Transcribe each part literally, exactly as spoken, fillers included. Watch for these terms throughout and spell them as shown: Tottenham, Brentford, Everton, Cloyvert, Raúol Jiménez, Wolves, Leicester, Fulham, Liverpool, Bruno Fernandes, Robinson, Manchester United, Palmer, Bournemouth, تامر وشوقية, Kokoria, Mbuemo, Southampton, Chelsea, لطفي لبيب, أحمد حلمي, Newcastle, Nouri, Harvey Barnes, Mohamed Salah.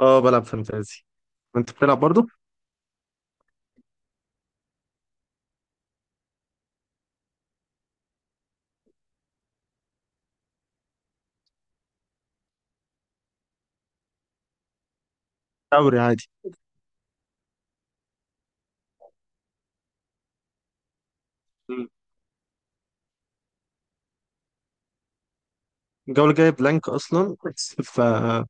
اه بلعب فانتازي. انت بتلعب برضو؟ دوري عادي. مم. الجولة الجاية بلانك أصلا، فدي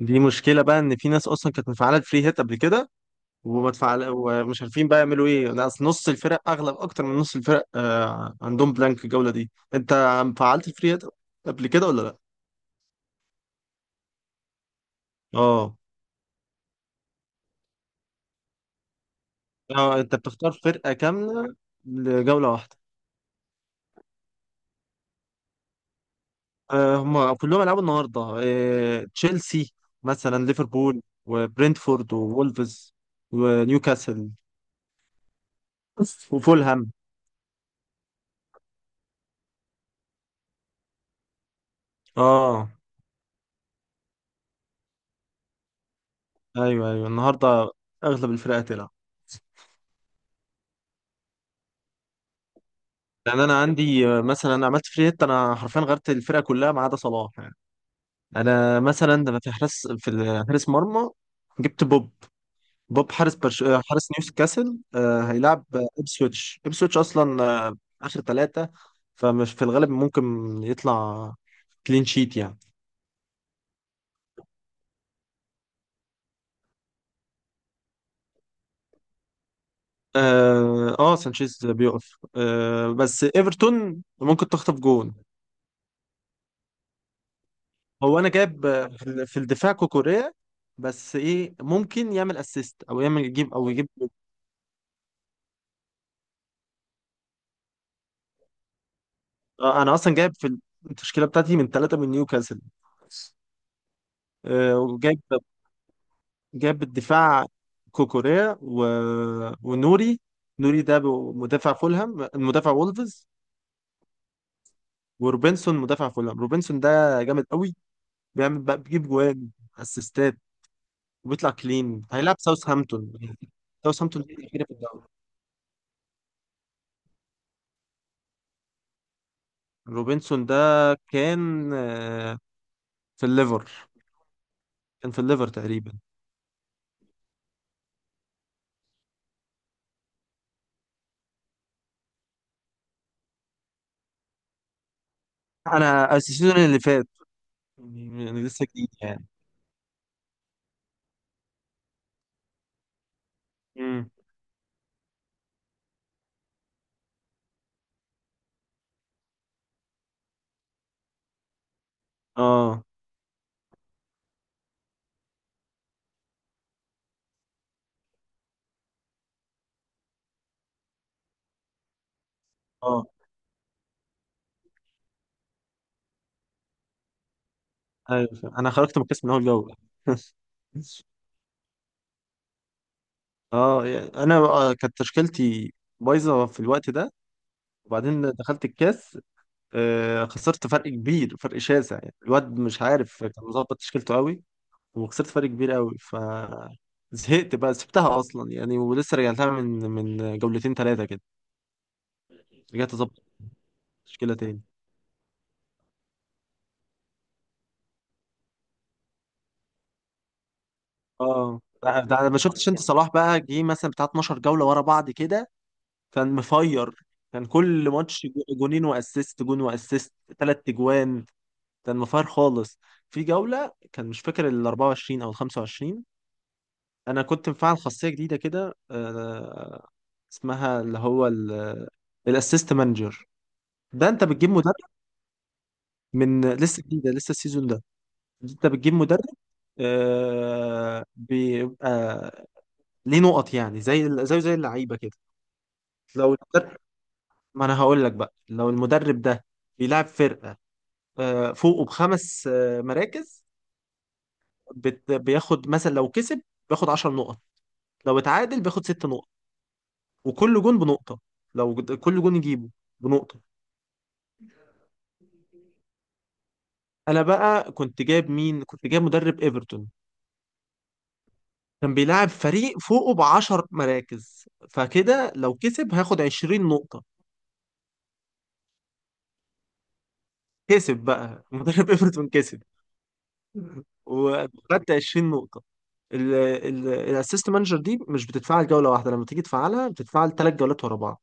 مشكلة بقى، إن في ناس أصلا كانت مفعلة الفري هيت قبل كده وما تفعل ومش عارفين بقى يعملوا ايه. ناس- نص الفرق، اغلب اكتر من نص الفرق آه عندهم بلانك الجوله دي. انت فعلت الفري هيت قبل كده ولا لا؟ اه. آه، انت بتختار فرقه كامله لجوله واحده. آه هم كلهم هيلعبوا النهارده، آه تشيلسي مثلا، ليفربول وبرنتفورد وولفز ونيوكاسل وفولهام. اه، ايوه ايوه، النهارده اغلب الفرق هتلعب. لان انا عندي، آه، مثلا أنا عملت فري هيت، انا حرفيا غيرت الفرقه كلها ما عدا صلاح يعني. انا مثلا لما في حارس، في ال- حارس مرمى، جبت بوب بوب حارس برش... آه، حارس نيوكاسل. آه، هيلعب آه، ابسويتش ابسويتش اصلا آه، اخر ثلاثه، فمش في الغالب ممكن يطلع كلين شيت يعني. اه. آه، سانشيز بيقف، آه بس ايفرتون ممكن تخطف جون. هو انا جايب، آه، في ال- في الدفاع كوكوريا، بس ايه ممكن يعمل اسيست او يعمل يجيب او يجيب. آه، انا اصلا جايب في التشكيله بتاعتي من ثلاثه من نيوكاسل. آه، وجايب، جايب الدفاع كوكوريا و... ونوري. نوري ده مدافع فولهام، مدافع وولفز. وروبنسون مدافع فولهام. روبنسون ده جامد قوي، بيعمل بقى، بيجيب جوان، اسيستات، وبيطلع كلين. هيلعب ساوثهامبتون. ساوثهامبتون دي الأخيرة في الدوري. روبنسون ده كان، آه، في الليفر، كان في الليفر تقريبا. انا السيزون اللي فات يعني، لسه جديد. يعني اه اه، ايوه، فاهم. انا خرجت مكاس من اول جوله. اه يعني انا، آه، كانت تشكيلتي بايظه في الوقت ده. وبعدين دخلت الكاس، آه، خسرت فرق كبير، فرق شاسع يعني، الواد مش عارف كان مظبط تشكيلته قوي. وخسرت فرق كبير قوي، ف زهقت بقى، سبتها اصلا يعني، ولسه رجعتها من من جولتين ثلاثه كده. رجعت اظبط التشكيله تاني. اه ده ده ما شفتش انت؟ صلاح بقى جه مثلا بتاع اتناشر جوله ورا بعض كده، كان مفير. كان كل ماتش جو- جونين واسيست، جون واسيست، ثلاث اجوان. كان مفير خالص. في جولة، كان مش فاكر ال اربعة وعشرين او ال خمسة وعشرين، انا كنت مفعل خاصية جديدة كده، آه، اسمها اللي هو الاسيست مانجر. ده انت بتجيب مدرب من، لسه جديدة، لسه السيزون ده. انت بتجيب مدرب آه، بيبقى ليه نقط، يعني زي زي زي اللعيبة كده. لو المدرب، ما انا هقول لك بقى، لو المدرب ده بيلعب فرقة آه، فوقه بخمس آه، مراكز، بت- بياخد مثلا. لو كسب بياخد عشر نقط، لو اتعادل بياخد ستة نقط، وكل جون بنقطة. لو جد- كل جون يجيبه بنقطة. انا بقى كنت جايب مين؟ كنت جايب مدرب ايفرتون. كان بيلعب فريق فوقه ب عشرة مراكز. فكده لو كسب هياخد عشرين نقطة. كسب بقى مدرب ايفرتون كسب، وخدت عشرين نقطة. الاسيست مانجر دي مش بتتفعل جولة واحدة، لما تيجي تفعلها بتتفعل ثلاث جولات ورا بعض.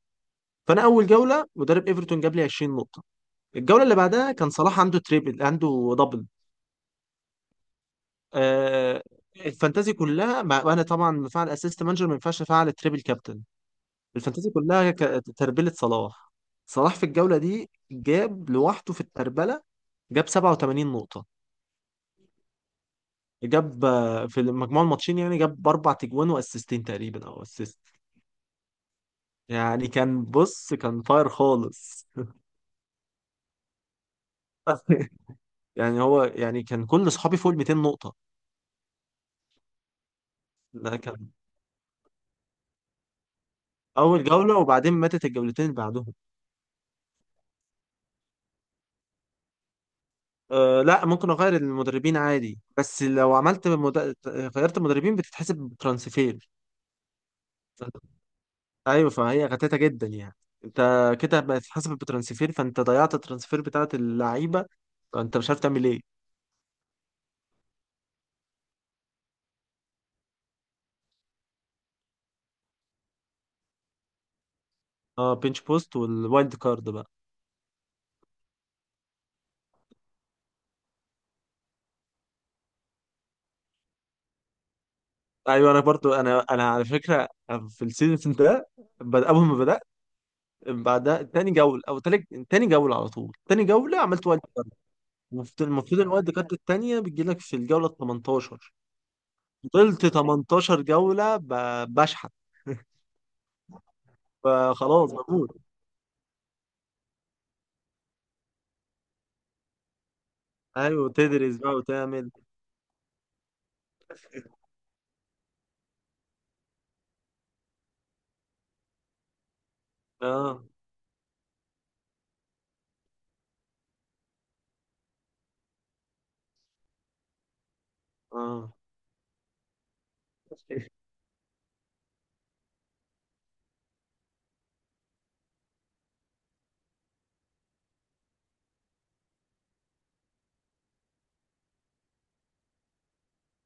فانا اول جوله مدرب ايفرتون جاب لي عشرين نقطه. الجوله اللي بعدها كان صلاح عنده تريبل، عنده دبل. آه، الفانتازي كلها مع، وانا طبعا مفعل اسيست مانجر، ما ينفعش افعل تريبل كابتن. الفانتازي كلها ك- تربله صلاح. صلاح في الجوله دي جاب لوحده في التربله جاب سبعة وتمانين نقطه. جاب، آه، في مجموع الماتشين يعني، جاب اربع تجوان واسيستين تقريبا او اسيست يعني. كان بص، كان فاير خالص. يعني هو، يعني كان كل اصحابي فوق ال ميتين نقطه. ده كان اول جولة، وبعدين ماتت الجولتين اللي بعدهم. أه لا، ممكن اغير المدربين عادي. بس لو عملت مد... غيرت المدربين بتتحسب بترانسفير. ايوه، فهي غتاتة جدا يعني. انت كده بتتحسب بترانسفير، فانت ضيعت الترانسفير بتاعت اللعيبة، فانت مش عارف تعمل ايه. اه، بينش بوست والوايلد كارد بقى. ايوه انا برضو، انا انا على فكره في السيزون ده، بد- اول ما بدات، بعدها تاني جوله او تالت، تاني جوله على طول، تاني جوله عملت. المفروض المفروض الوقت كارت التانية بتجيلك في الجولة ال تمنتاشر. فضلت تمنتاشر جولة ب- بشحت. فخلاص بموت. ايوه، تدرس بقى وتعمل. اه اه.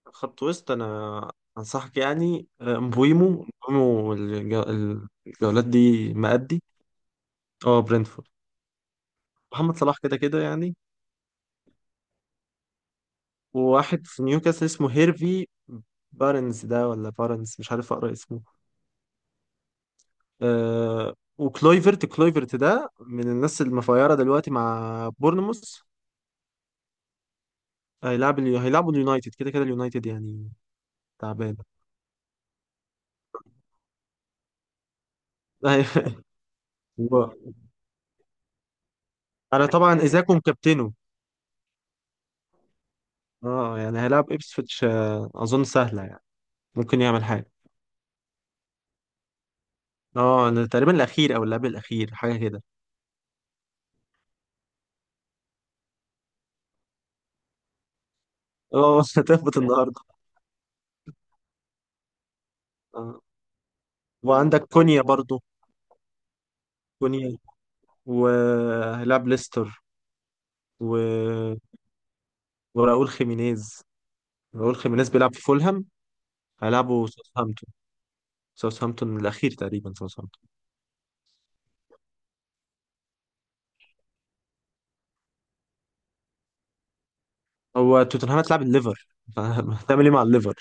خط وسط، انا انصحك يعني، آه، مبويمو مبويمو. الج- الجولات دي مأدي. اه، برينتفورد. محمد صلاح كده كده يعني. وواحد في نيوكاسل اسمه هيرفي بارنز، ده ولا بارنز، مش عارف اقرا اسمه. آه وكلويفرت. كلويفرت ده من الناس المفايرة دلوقتي مع بورنموث. هيلعب اليو... هيلعبوا اليونايتد كده كده، اليونايتد يعني تعبان. و- انا طبعا ايزاكم كابتنه. اه يعني هيلعب ابسفيتش، آه، اظن سهلة يعني، ممكن يعمل حاجة. اه، أنا تقريبا الاخير، او اللعب الاخير، حاجة كده. اه هتهبط النهارده. آه. وعندك كونيا برضو. كونيا وهيلعب ليستر. و... وراؤول خيمينيز. راؤول خيمينيز بيلعب في فولهام، هيلعبوا ساوثهامبتون الاخير تقريبا، ساوثهامبتون. هو توتنهام هتلعب الليفر فهتعمل ايه مع الليفر؟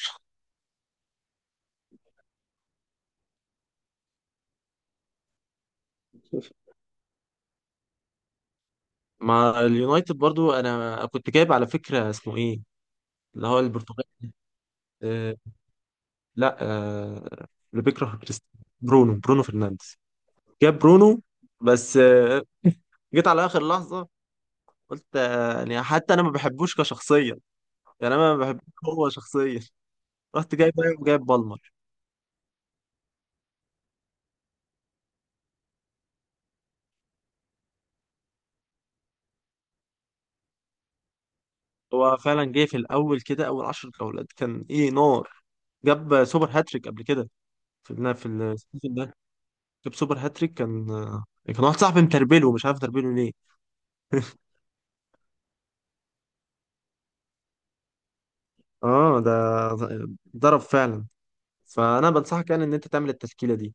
مع اليونايتد برضو، انا كنت جايب على فكره اسمه ايه، اللي هو البرتغالي. آه لا آه، اللي بيكره كريستيانو، برونو، برونو فرنانديز. جاب برونو، بس آه جيت على اخر لحظه، قلت آه يعني حتى انا ما بحبوش كشخصيه، يعني انا ما بحبوش هو شخصيا. رحت جايب جايب بالمر. هو فعلا جه في الاول كده، اول عشرة جولات كان ايه نار، جاب سوبر هاتريك قبل كده. في لا في السيزون ده جاب سوبر هاتريك. كان كان واحد صاحبي متربله، مش عارف تربله ليه. اه ده ضرب فعلا. فانا بنصحك يعني ان انت تعمل التشكيله دي.